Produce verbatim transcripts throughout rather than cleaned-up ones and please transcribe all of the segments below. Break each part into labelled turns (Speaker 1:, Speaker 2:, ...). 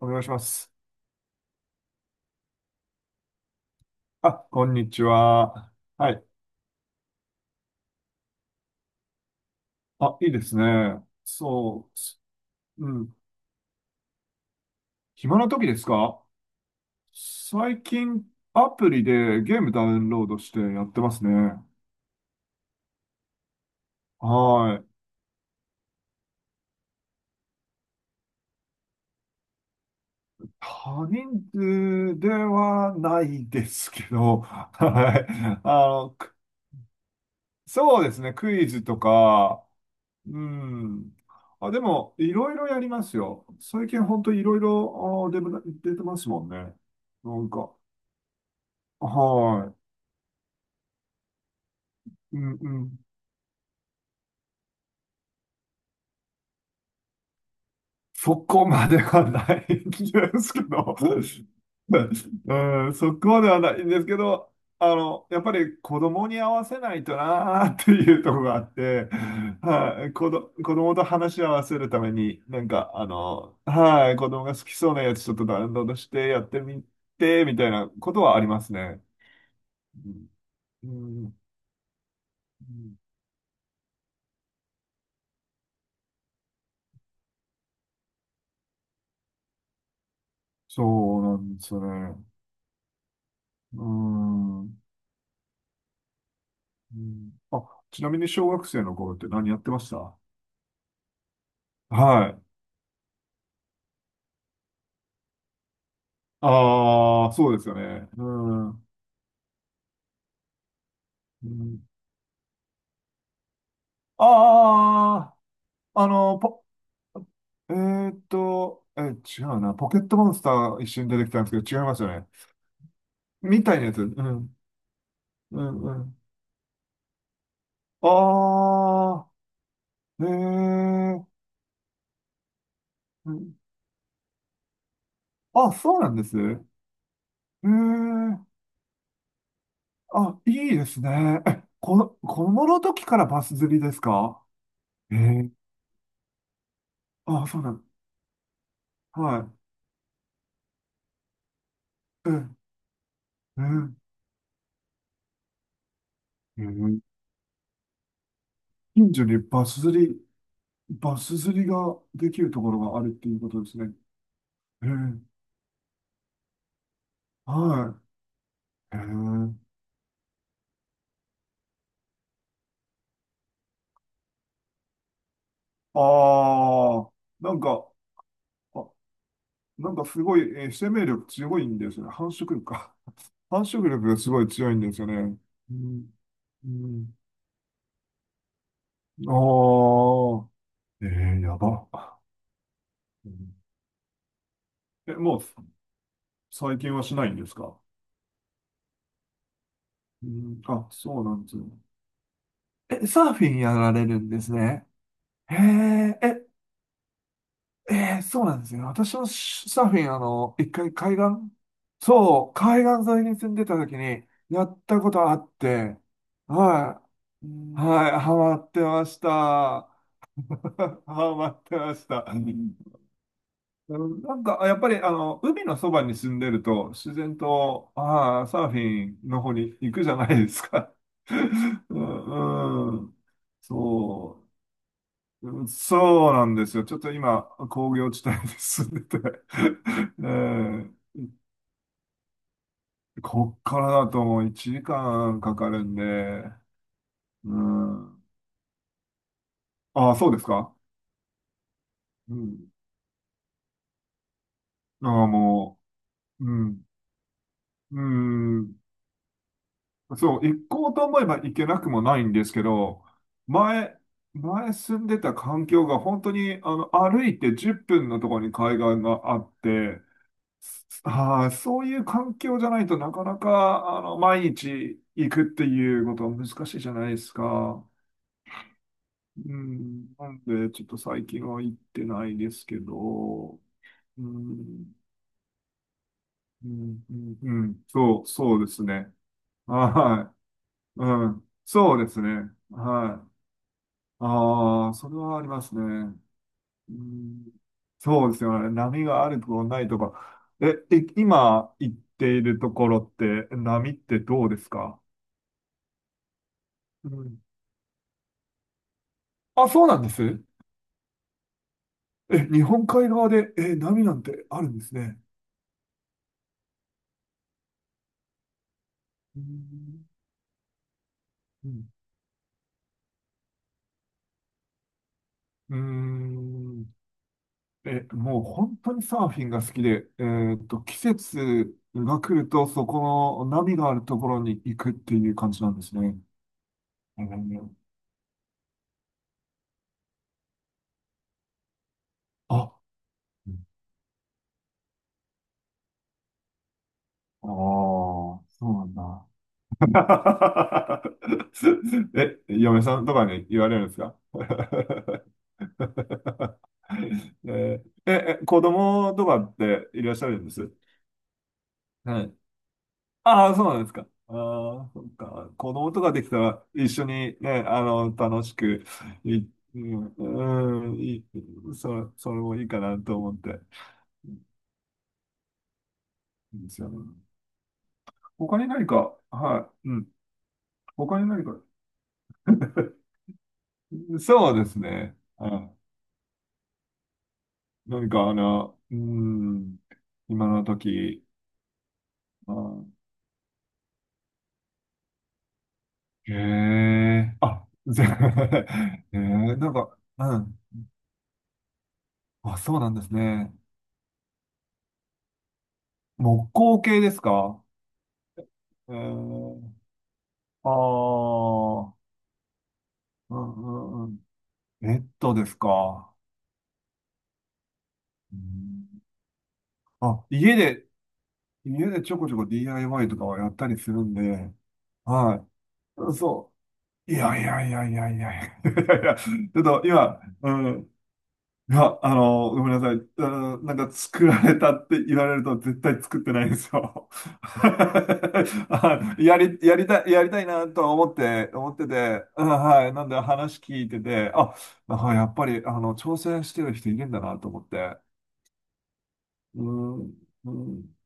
Speaker 1: お願いします。あ、こんにちは。はい。あ、いいですね。そう。うん。暇な時ですか？最近、アプリでゲームダウンロードしてやってますね。はい。他人数ではないですけど、はい。あの、くそうですね。クイズとか、うん。あ、でも、いろいろやりますよ。最近本当いろいろ、あ、出て出てますもんね。なんか。はい。うんうん。そこまではないんですけど、うん、そこまではないんですけど、あの、やっぱり子供に合わせないとなーっていうところがあって、はい、子ど、子供と話し合わせるために、なんか、あの、はい、子供が好きそうなやつちょっとダウンロードしてやってみて、みたいなことはありますね。うん、うん、そうなんですよね。うん。うん。あ、ちなみに小学生の頃って何やってました？はい。ああ、そうですよね。うん。うん、ああ、あの、ポ、えーっと、え、違うな。ポケットモンスター一瞬出てきたんですけど、違いますよね。みたいなやつ。うん。うん、うん。ああ、えー。うんあ、そうなんです。えー。あ、いいですね。え、この、子供の時からバス釣りですか？えー。あ、そうなん。はい。ええねえうん近所にバス釣り、バス釣りができるところがあるっていうことですね。えー、はい。ええああ、なんか、あ、なんかすごい、えー生命力強いんですよね。繁殖力か。繁殖力がすごい強いんですよね。うん、うん。ああ、えー、やば。うんえ、もう、最近はしないんですか？うん、あ、そうなんですよ。え、サーフィンやられるんですね。へえ、え、ええそうなんですよね。私のサーフィン、あの、一回海岸、そう、海岸沿いに住んでた時にやったことあって、はいはい、ハマってました。ハマってました。うんなんか、やっぱり、あの、海のそばに住んでると、自然と、ああ、サーフィンの方に行くじゃないですか。うん、うん、そう。うんそうなんですよ。ちょっと今、工業地帯で住んでて えーこっからだともういちじかんかんかかるんで、うん。ああ、そうですか？うん。ああ、もう、うん。うん。そう、行こうと思えば行けなくもないんですけど、前、前住んでた環境が本当に、あの、歩いてじゅっぷんのところに海岸があって、ああ、そういう環境じゃないとなかなか、あの、毎日行くっていうことは難しいじゃないですか。うん。なんで、ちょっと最近は行ってないですけど、うん、うん、うん、うんそう、そうですね。はい。うん。そうですね。はい。ああ、それはありますね。うん、そうですよね。波があるところないとか。え、い今行っているところって、波ってどうですか？うん。あ、そうなんです。え、日本海側で、え、波なんてあるんですね。うん。うん。うーんえ、もう本当にサーフィンが好きで、えーっと、季節が来ると、そこの波があるところに行くっていう感じなんですね。えーあ、うんあー、そうなんだ。え、嫁さんとかに言われるんですか？ えーえ、え子供とかっていらっしゃるんです？はい。ああ、そうなんですか。ああ、そっか。子供とかできたら一緒にね、あの、楽しく、い、うん、うん、いい、そ、それもいいかなと思って。いいですよね。他に何か、はい、うん。他に何か、そうですね。はい。何か、あの、うん、今の時、うん、へえ、あ、ぜ、へえ、なんか、うん。あ、そうなんですね。木工系ですか？えー、ああ、うんうんうん。ベッドですか。うんあ、家で、家でちょこちょこ ディーアイワイ とかはやったりするんで、はい。そう。いやいやいやいやいやいや。ちょっと今、うんいや、あの、ごめんなさい。あの、なんか作られたって言われると絶対作ってないんですよ。あやり、やりたい、やりたいなとは思って、思って、て、うんはい。なんで話聞いてて、あ、なんかやっぱり、あの、挑戦してる人いるんだなと思って。うん、うん、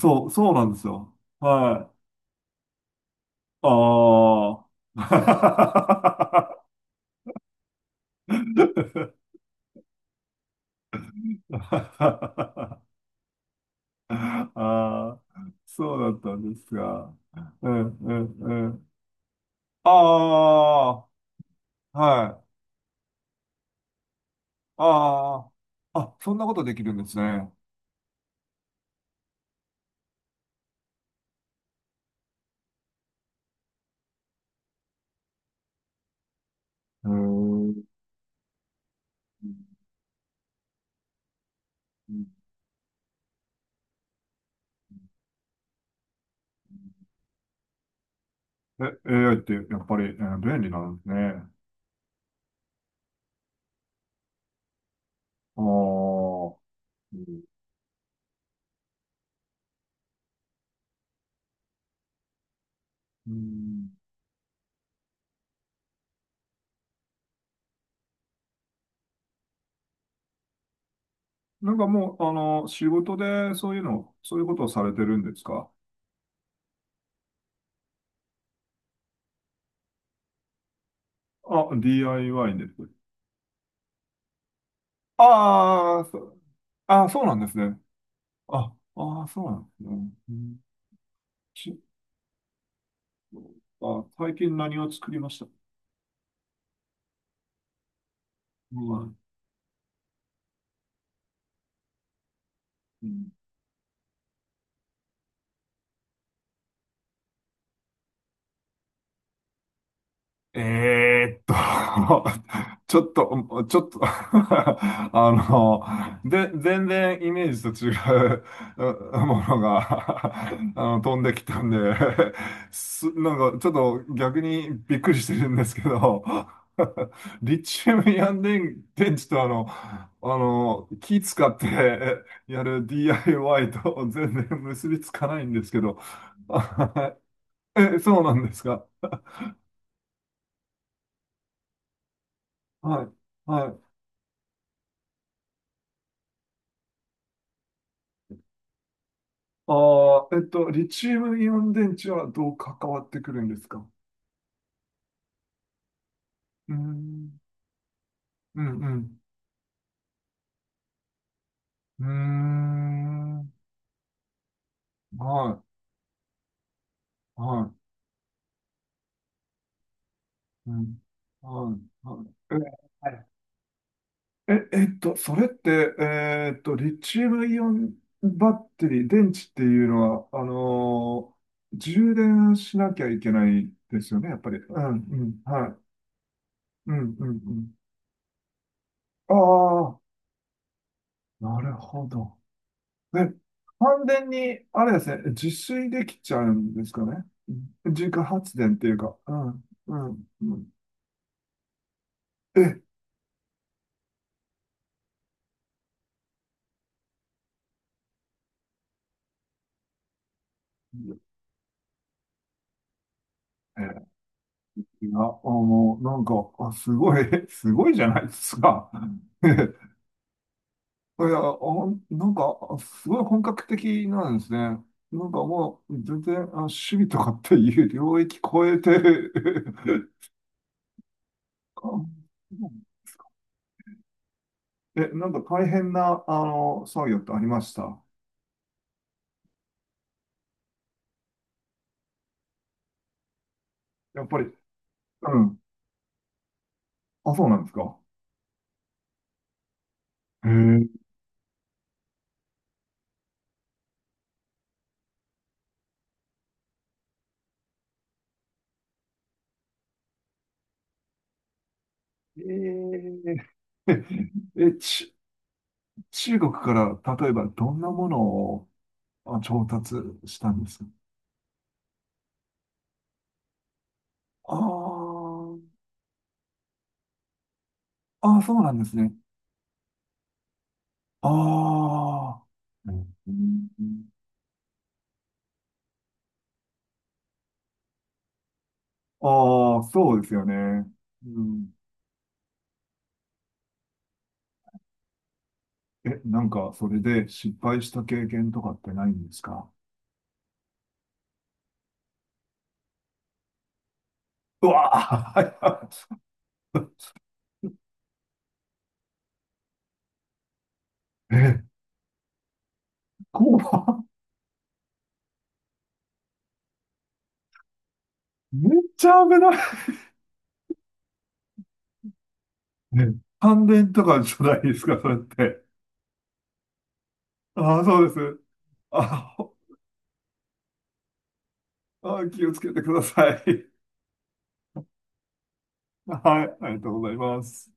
Speaker 1: そう、そうなんですよ。はい。ああ。ああ、そうだったんですが。うん、うん、うん。ああ、はい。ああ、あ、そんなことできるんですね。へーえ、エーアイ ってやっぱり、えー便利なんですね。ああ、うんうんなんかもう、あの、仕事でそういうの、そういうことをされてるんですか？あ、ディーアイワイ で。ああ、そ、あ、そうなんですね。あ、ああ、そうなんですね。うんしあ、最近何を作りました？うん。うんえーっと ちょっと、ちょっと あの、で、全然イメージと違ううものが あの、飛んできたんで す、なんかちょっと逆にびっくりしてるんですけど リチウムイオン電、電池とあの、あの、気使って やる ディーアイワイ と全然結びつかないんですけど え、そうなんですか？はい。はいああ、えっと、リチウムイオン電池はどう関わってくるんですか？うーん、うん、うん。うーん、はい、はい、うん、はい、はい。え、はいえ、えっと、それって、えっと、リチウムイオンバッテリー、電池っていうのは、あのー充電しなきゃいけないですよね、やっぱり。うん、うん、はい。うん、うん、うん。ああ、なるほど。で、完全に、あれですね、自炊できちゃうんですかね。自家発電っていうか、うん、うん、うん。え、え、いや、あの、なんか、あ、すごい、すごいじゃないですか。いや、あ、なんか、すごい本格的なんですね。なんかもう、全然、あ、趣味とかっていう領域超えて、あえ、なんか大変な、あの、作業ってありました？やっぱり、うん。あ、そうなんですか。へええー、え、ち、中国から例えばどんなものをあ調達したんですか？あーあー、そうなんですね。ああ、うんああ、そうですよね。うん。え、なんかそれで失敗した経験とかってないんですか？うわあ、え、怖っめっちゃ危ない。え感電とかじゃないですか、それって？ああ、そうです。ああ、気をつけてください。はい、ありがとうございます。